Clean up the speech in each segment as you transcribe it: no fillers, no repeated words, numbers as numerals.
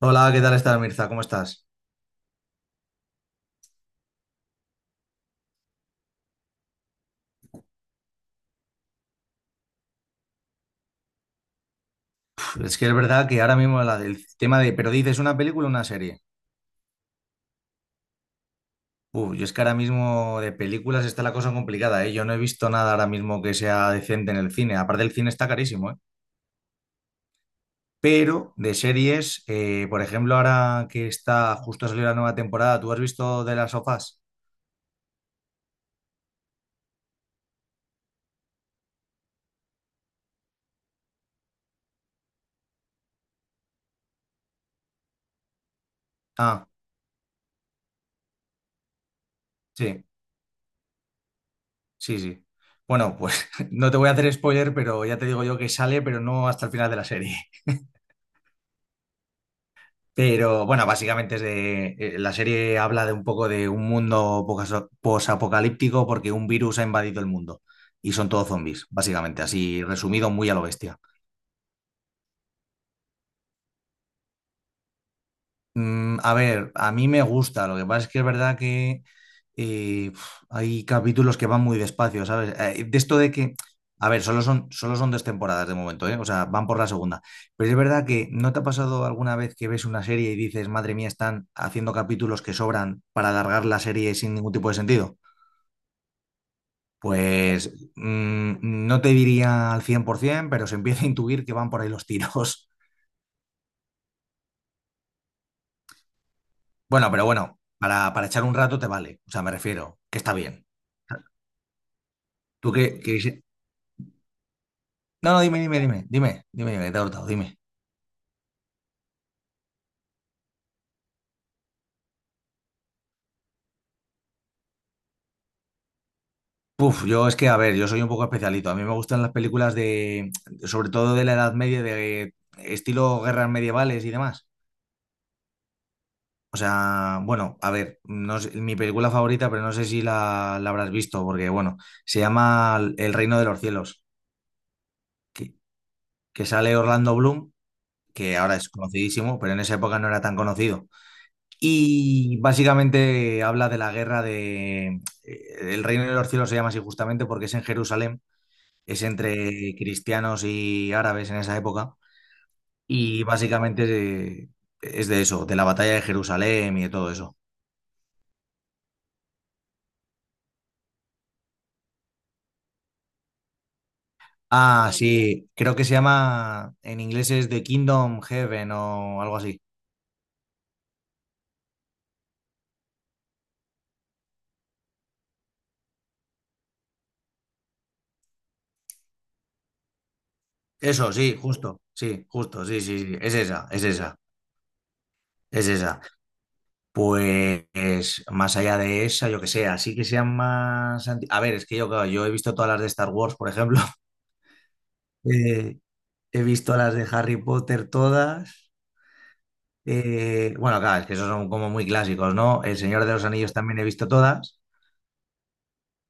Hola, ¿qué tal estás, Mirza? ¿Cómo estás? Es que es verdad que ahora mismo el tema de, pero dices una película o una serie. Yo es que ahora mismo de películas está la cosa complicada, ¿eh? Yo no he visto nada ahora mismo que sea decente en el cine. Aparte, el cine está carísimo, ¿eh? Pero de series, por ejemplo, ahora que está justo a salir la nueva temporada, ¿tú has visto de las sofás? Ah, sí, sí, sí. Bueno, pues no te voy a hacer spoiler, pero ya te digo yo que sale, pero no hasta el final de la serie. Pero bueno, básicamente es de, la serie habla de un poco de un mundo posapocalíptico porque un virus ha invadido el mundo y son todos zombies, básicamente, así resumido muy a lo bestia. Mm, a ver, a mí me gusta, lo que pasa es que es verdad que eh, uf, hay capítulos que van muy despacio, ¿sabes? De esto de que, a ver, solo son dos temporadas de momento, ¿eh? O sea, van por la segunda. Pero es verdad que, ¿no te ha pasado alguna vez que ves una serie y dices, madre mía, están haciendo capítulos que sobran para alargar la serie sin ningún tipo de sentido? Pues no te diría al 100%, pero se empieza a intuir que van por ahí los tiros. Bueno, pero bueno, para echar un rato te vale, o sea, me refiero, que está bien. Tú qué, que- No, no, dime, que te he cortado, dime. Puf, yo es que, a ver, yo soy un poco especialito. A mí me gustan las películas de, sobre todo de la Edad Media, de estilo guerras medievales y demás. O sea, bueno, a ver, no sé- mi película favorita, pero no sé si la habrás visto, porque, bueno, se llama El Reino de los Cielos, que, que sale Orlando Bloom, que ahora es conocidísimo, pero en esa época no era tan conocido. Y básicamente habla de la guerra de... El reino de los cielos se llama así justamente porque es en Jerusalén, es entre cristianos y árabes en esa época. Y básicamente es de eso, de la batalla de Jerusalén y de todo eso. Ah, sí, creo que se llama, en inglés es The Kingdom Heaven o algo así. Eso, sí, justo, sí, justo, sí, sí, sí, es esa, es esa. Pues más allá de esa, yo que sé, así que sean más... A ver, es que yo, claro, yo he visto todas las de Star Wars, por ejemplo. Eh, He visto las de Harry Potter todas. Bueno, claro, es que esos son como muy clásicos, ¿no? El Señor de los Anillos también he visto todas.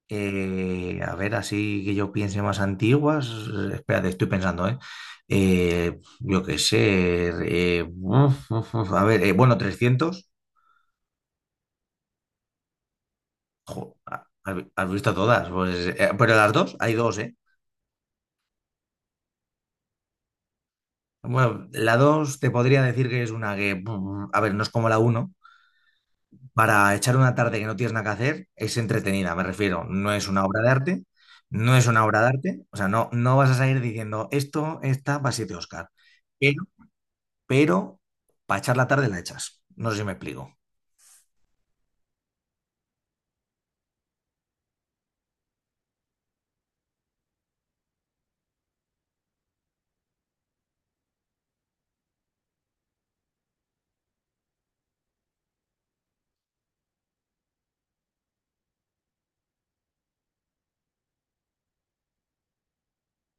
A ver, así que yo piense más antiguas. Espérate, estoy pensando, ¿eh? Yo qué sé. A ver, bueno, trescientos. Jo, ¿Has visto todas? Pues, pero las dos, hay dos, ¿eh? Bueno, la 2 te podría decir que es una que, a ver, no es como la uno. Para echar una tarde que no tienes nada que hacer, es entretenida, me refiero. No es una obra de arte, no es una obra de arte. O sea, no, no vas a salir diciendo, esto, esta, para siete Oscar. Pero, pero, para echar la tarde la echas. No sé si me explico.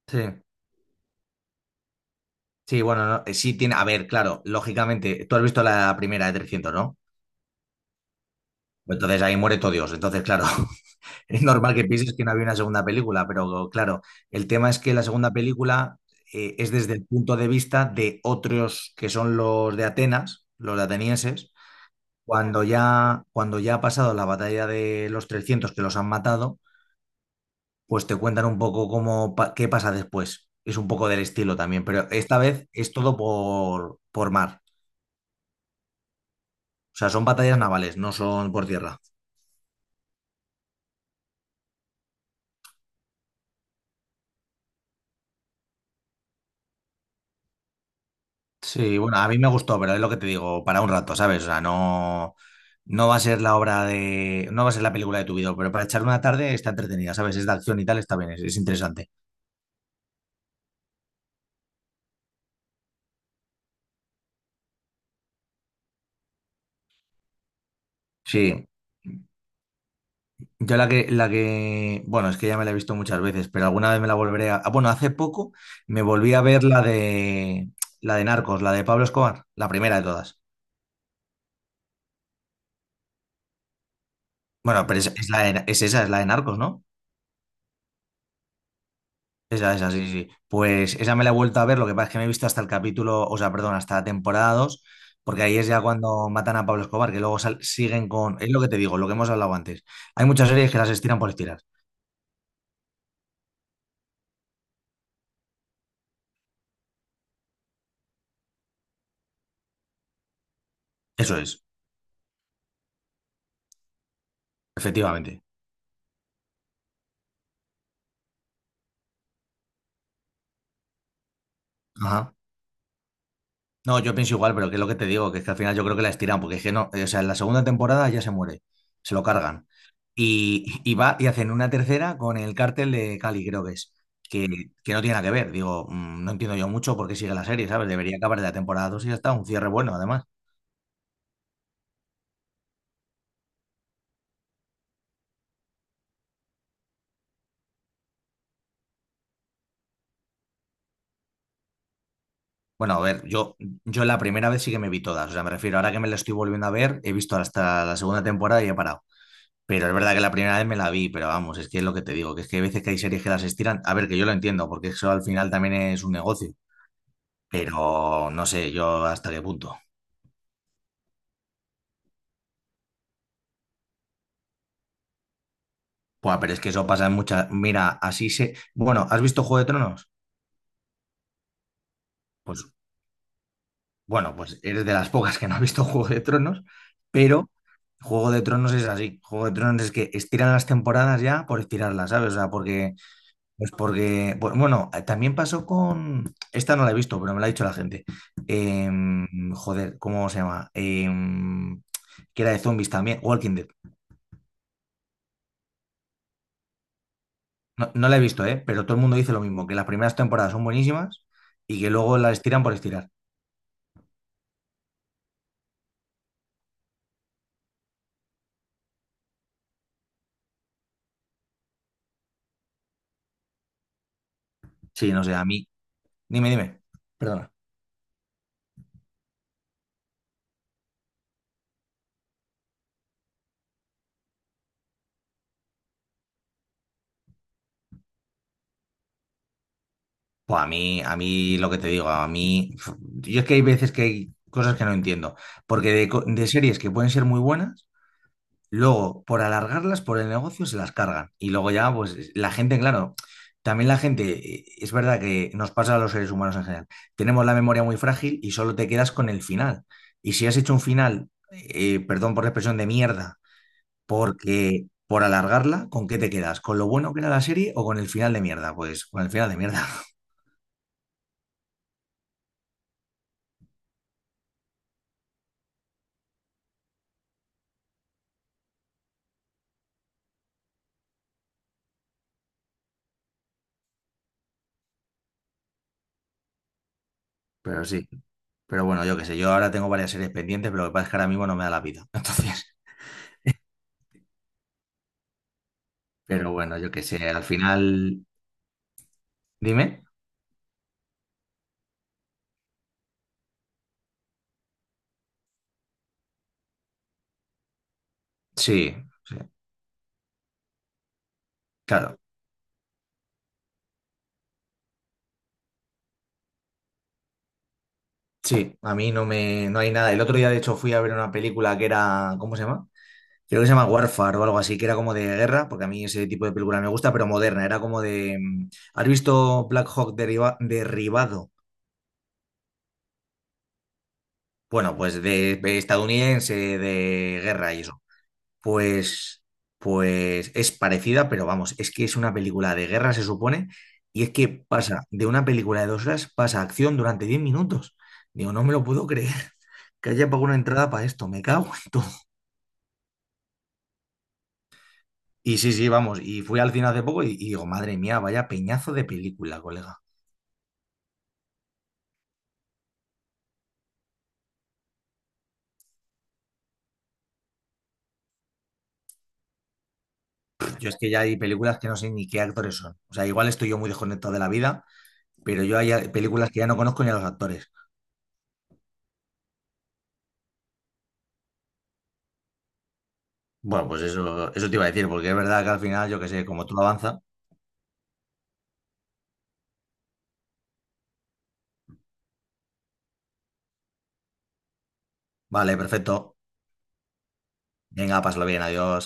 Sí, sí, bueno, no, sí tiene, a ver, claro, lógicamente, tú has visto la primera de trescientos, ¿no? Entonces ahí muere todo Dios. Entonces, claro, es normal que pienses que no había una segunda película, pero claro, el tema es que la segunda película es desde el punto de vista de otros que son los de Atenas, los atenienses. Claro. Cuando ya ha pasado la batalla de los 300 que los han matado, pues te cuentan un poco cómo, qué pasa después. Es un poco del estilo también, pero esta vez es todo por mar. O sea, son batallas navales, no son por tierra. Sí, bueno, a mí me gustó, pero es lo que te digo, para un rato, ¿sabes? O sea, no, no va a ser la obra de, no va a ser la película de tu vida, pero para echar una tarde está entretenida, ¿sabes? Es de acción y tal, está bien, es interesante. Sí. Yo la que, Bueno, es que ya me la he visto muchas veces, pero alguna vez me la volveré a, ah, bueno, hace poco me volví a ver la de Narcos, la de Pablo Escobar, la primera de todas. Bueno, pero es esa, es la de Narcos, ¿no? Esa, sí, sí. Pues esa me la he vuelto a ver, lo que pasa es que me he visto hasta el capítulo, o sea, perdón, hasta la temporada 2, porque ahí es ya cuando matan a Pablo Escobar, que luego siguen con... Es lo que te digo, lo que hemos hablado antes. Hay muchas series que las estiran por estirar. Eso es, efectivamente. Ajá. No, yo pienso igual, pero que es lo que te digo, que es que al final yo creo que la estiran, porque es que no, o sea, en la segunda temporada ya se muere, se lo cargan. Y va y hacen una tercera con el cártel de Cali, creo que es, que, que no tiene nada que ver. Digo, no entiendo yo mucho por qué sigue la serie, ¿sabes? Debería acabar la temporada 2 y ya está, un cierre bueno, además. Bueno, a ver, yo la primera vez sí que me vi todas, o sea, me refiero, ahora que me la estoy volviendo a ver, he visto hasta la segunda temporada y he parado. Pero es verdad que la primera vez me la vi, pero vamos, es que es lo que te digo, que es que hay veces que hay series que las estiran. A ver, que yo lo entiendo, porque eso al final también es un negocio, pero no sé yo hasta qué punto. Buah, pero es que eso pasa en muchas. Mira, así se. Bueno, ¿has visto Juego de Tronos? Pues bueno, pues eres de las pocas que no ha visto Juego de Tronos, pero Juego de Tronos es así. Juego de Tronos es que estiran las temporadas ya por estirarlas, ¿sabes? O sea, porque pues porque, bueno, también pasó con, esta no la he visto, pero me la ha dicho la gente. Joder, ¿cómo se llama? Que era de zombies también, Walking Dead. No, no la he visto, ¿eh? Pero todo el mundo dice lo mismo, que las primeras temporadas son buenísimas y que luego las estiran por estirar. Sí, no sé, dime, perdona. Pues a mí lo que te digo, a mí, yo es que hay veces que hay cosas que no entiendo, porque de, de series que pueden ser muy buenas. Luego, por alargarlas, por el negocio, se las cargan. Y luego ya, pues la gente, claro, también la gente, es verdad que nos pasa a los seres humanos en general, tenemos la memoria muy frágil y solo te quedas con el final. Y si has hecho un final, perdón por la expresión, de mierda, porque por alargarla, ¿con qué te quedas? ¿Con lo bueno que era la serie o con el final de mierda? Pues con el final de mierda. Pero sí, pero bueno, yo qué sé, yo ahora tengo varias series pendientes, pero lo que pasa es que ahora mismo no me da la vida. Entonces, pero bueno, yo qué sé, al final, dime. Sí, sí. Claro, sí, a mí no me, no hay nada. El otro día, de hecho, fui a ver una película que era, ¿cómo se llama? Creo que se llama Warfare o algo así, que era como de guerra, porque a mí ese tipo de película me gusta, pero moderna. Era como de, ¿has visto Black Hawk derribado? Bueno, pues de estadounidense, de guerra y eso. Pues, pues es parecida, pero vamos, es que es una película de guerra, se supone, y es que pasa de una película de 2 horas, pasa a acción durante 10 minutos. Digo, no me lo puedo creer. Que haya pagado una entrada para esto, me cago en todo. Y sí, sí, vamos, y fui al cine hace poco y digo, madre mía, vaya peñazo de película, colega. Yo es que ya hay películas que no sé ni qué actores son. O sea, igual estoy yo muy desconectado de la vida, pero yo hay películas que ya no conozco ni a los actores. Bueno, pues eso te iba a decir, porque es verdad que al final, yo qué sé, como tú avanza, vale, perfecto. Venga, pásalo bien, adiós.